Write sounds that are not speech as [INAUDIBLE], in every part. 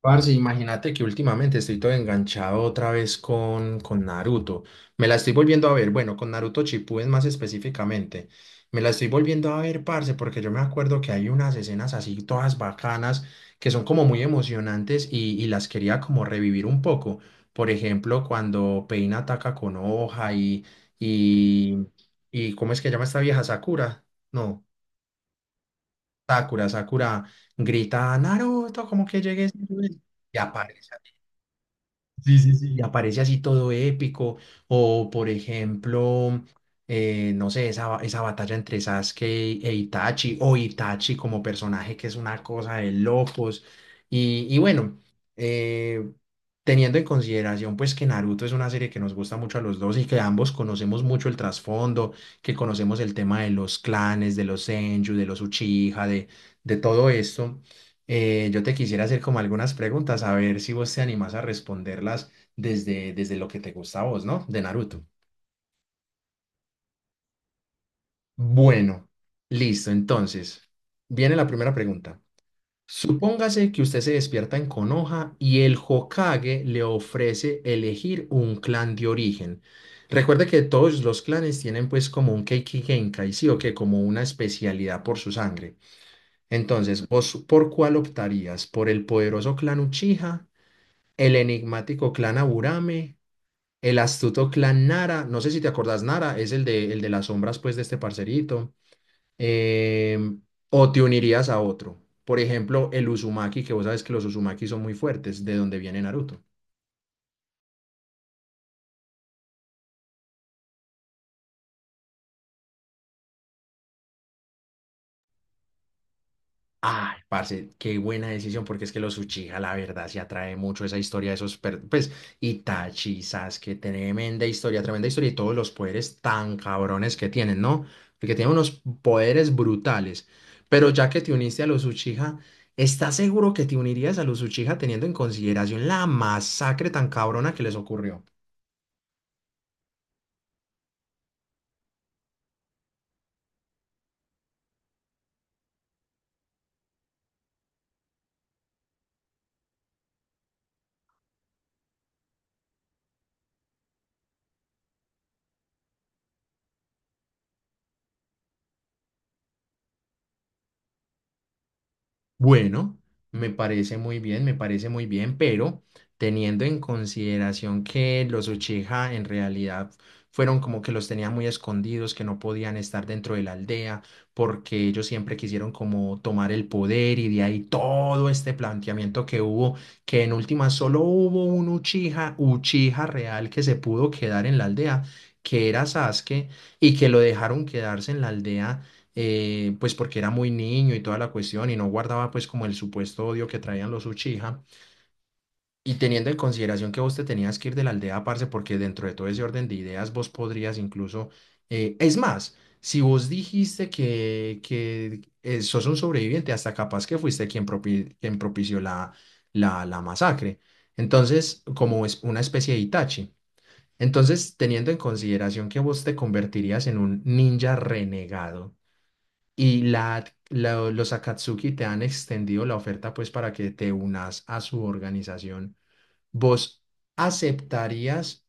Parce, imagínate que últimamente estoy todo enganchado otra vez con Naruto. Me la estoy volviendo a ver, bueno, con Naruto Shippuden más específicamente. Me la estoy volviendo a ver, parce, porque yo me acuerdo que hay unas escenas así todas bacanas que son como muy emocionantes y las quería como revivir un poco. Por ejemplo, cuando Pain ataca con hoja y, y ¿cómo es que llama esta vieja? Sakura. No, Sakura grita, Naruto, como que llegues y aparece. Sí, sí, sí, y aparece así todo épico. O, por ejemplo, no sé, esa batalla entre Sasuke e Itachi, o Itachi como personaje, que es una cosa de locos. Y bueno, eh, teniendo en consideración pues que Naruto es una serie que nos gusta mucho a los dos y que ambos conocemos mucho el trasfondo, que conocemos el tema de los clanes, de los Senju, de los Uchiha, de todo esto. Yo te quisiera hacer como algunas preguntas, a ver si vos te animás a responderlas desde lo que te gusta a vos, ¿no? De Naruto. Bueno, listo, entonces, viene la primera pregunta. Supóngase que usted se despierta en Konoha y el Hokage le ofrece elegir un clan de origen. Recuerde que todos los clanes tienen pues como un Keiki Genkai, sí o que como una especialidad por su sangre. Entonces, ¿vos por cuál optarías? ¿Por el poderoso clan Uchiha, el enigmático clan Aburame, el astuto clan Nara? No sé si te acordás, Nara es el de las sombras, pues, de este parcerito. Em, ¿O te unirías a otro? Por ejemplo, el Uzumaki, que vos sabes que los Uzumaki son muy fuertes, de donde viene Naruto. Ay, parce, qué buena decisión, porque es que los Uchiha, la verdad, se atrae mucho esa historia de pues, Itachi, Sasuke, tremenda historia, y todos los poderes tan cabrones que tienen, ¿no? Porque tienen unos poderes brutales. Pero ya que te uniste a los Uchiha, ¿estás seguro que te unirías a los Uchiha teniendo en consideración la masacre tan cabrona que les ocurrió? Bueno, me parece muy bien, me parece muy bien, pero teniendo en consideración que los Uchiha en realidad fueron como que los tenía muy escondidos, que no podían estar dentro de la aldea, porque ellos siempre quisieron como tomar el poder y de ahí todo este planteamiento que hubo, que en última solo hubo un Uchiha real que se pudo quedar en la aldea, que era Sasuke, y que lo dejaron quedarse en la aldea pues porque era muy niño y toda la cuestión y no guardaba pues como el supuesto odio que traían los Uchiha, y teniendo en consideración que vos te tenías que ir de la aldea, parce, porque dentro de todo ese orden de ideas vos podrías incluso, es más, si vos dijiste que sos un sobreviviente, hasta capaz que fuiste quien propició la masacre. Entonces, como es una especie de Itachi. Entonces, teniendo en consideración que vos te convertirías en un ninja renegado y los Akatsuki te han extendido la oferta pues para que te unas a su organización. ¿Vos aceptarías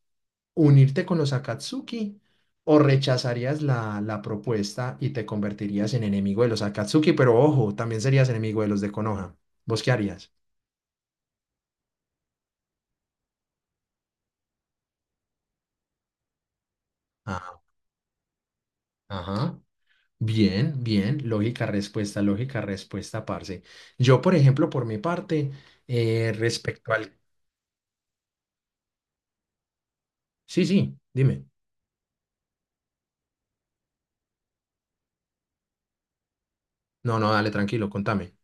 unirte con los Akatsuki o rechazarías la propuesta y te convertirías en enemigo de los Akatsuki? Pero ojo, también serías enemigo de los de Konoha. ¿Vos qué harías? Ah, ajá. Bien, bien, lógica respuesta, parce. Yo, por ejemplo, por mi parte, respecto al... Sí, sí, dime. No, no, dale, tranquilo, contame.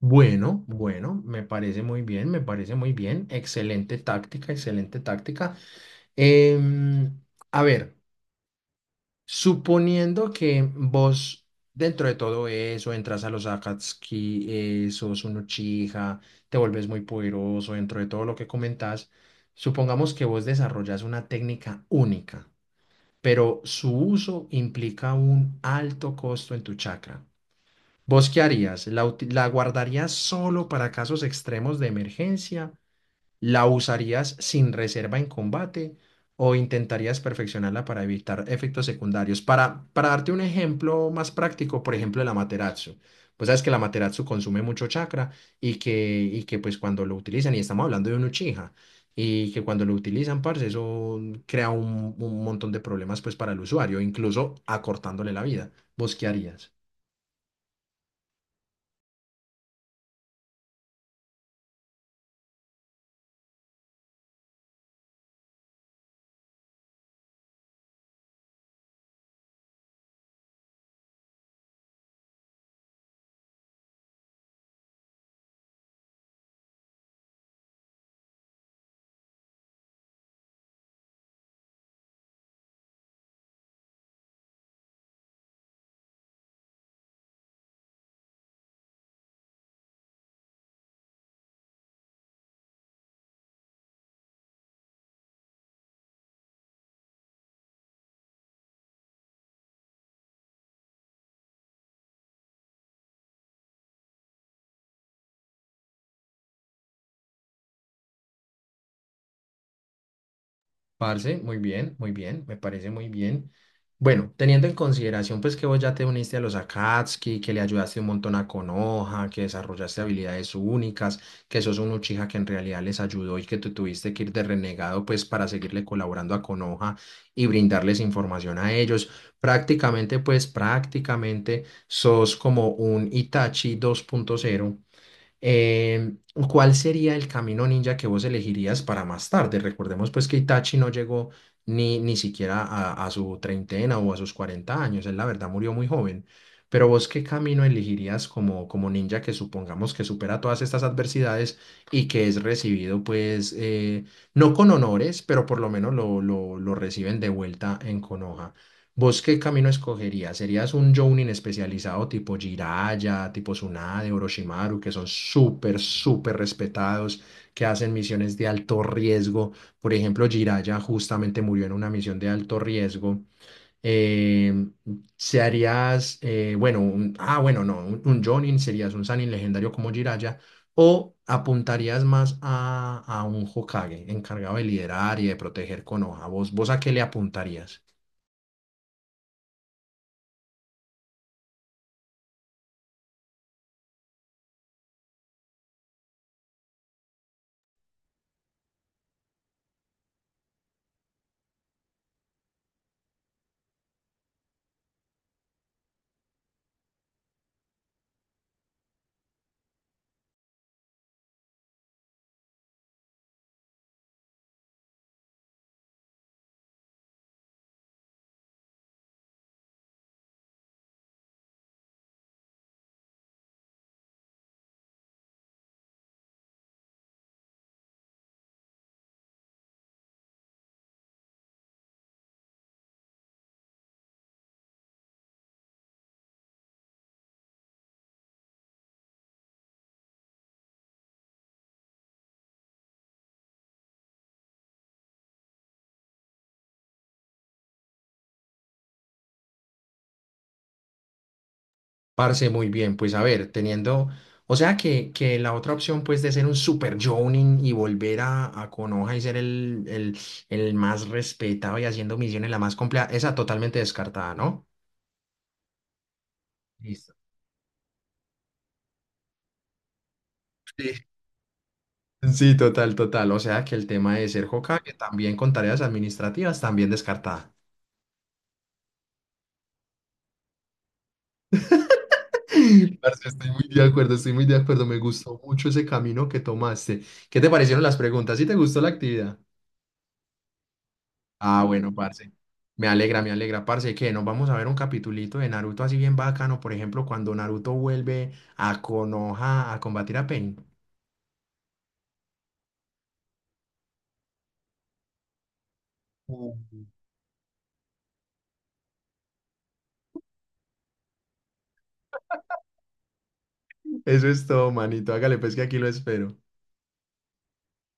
Bueno, bueno, me parece muy bien, me parece muy bien. Excelente táctica, excelente táctica. Em, a ver, suponiendo que vos dentro de todo eso entras a los Akatsuki, sos un Uchiha, te vuelves muy poderoso dentro de todo lo que comentás, supongamos que vos desarrollas una técnica única, pero su uso implica un alto costo en tu chakra. ¿Vos qué harías? La guardarías solo para casos extremos de emergencia? ¿La usarías sin reserva en combate? ¿O intentarías perfeccionarla para evitar efectos secundarios? Para darte un ejemplo más práctico, por ejemplo, el Amaterasu. Pues sabes que el Amaterasu consume mucho chakra y que pues cuando lo utilizan, y estamos hablando de un Uchiha, y que cuando lo utilizan, parce, eso crea un montón de problemas pues para el usuario, incluso acortándole la vida. ¿Vos qué harías? Parce, muy bien, me parece muy bien. Bueno, teniendo en consideración pues que vos ya te uniste a los Akatsuki, que le ayudaste un montón a Konoha, que desarrollaste habilidades únicas, que sos un Uchiha que en realidad les ayudó y que tú tuviste que ir de renegado pues para seguirle colaborando a Konoha y brindarles información a ellos. Prácticamente pues prácticamente sos como un Itachi 2.0. Eh, ¿cuál sería el camino ninja que vos elegirías para más tarde? Recordemos pues que Itachi no llegó ni siquiera a su treintena o a sus 40 años. Él la verdad murió muy joven, pero vos qué camino elegirías como, como ninja, que supongamos que supera todas estas adversidades y que es recibido pues no con honores, pero por lo menos lo reciben de vuelta en Konoha. ¿Vos qué camino escogerías? ¿Serías un Jounin especializado tipo Jiraiya, tipo Tsunade, Orochimaru, que son súper, súper respetados, que hacen misiones de alto riesgo? Por ejemplo, Jiraiya justamente murió en una misión de alto riesgo. Eh, serías, bueno, un- ah, bueno, no, un Jounin, serías un Sannin legendario como Jiraiya? ¿O apuntarías más a un Hokage encargado de liderar y de proteger Konoha? ¿Vos, vos a qué le apuntarías? Parce, muy bien, pues a ver, o sea que la otra opción pues de ser un super Jonin y volver a Konoha y ser el más respetado y haciendo misiones la más compleja, esa totalmente descartada, ¿no? Listo. Sí. Sí, total, total. O sea que el tema de ser Hokage también con tareas administrativas también descartada. [LAUGHS] Parce, estoy muy de acuerdo, estoy muy de acuerdo. Me gustó mucho ese camino que tomaste. ¿Qué te parecieron las preguntas? ¿Sí te gustó la actividad? Ah, bueno, parce. Me alegra, parce, que nos vamos a ver un capitulito de Naruto así bien bacano, por ejemplo, cuando Naruto vuelve a Konoha a combatir a Pain. Mm. Eso es todo, manito. Hágale, pues, que aquí lo espero.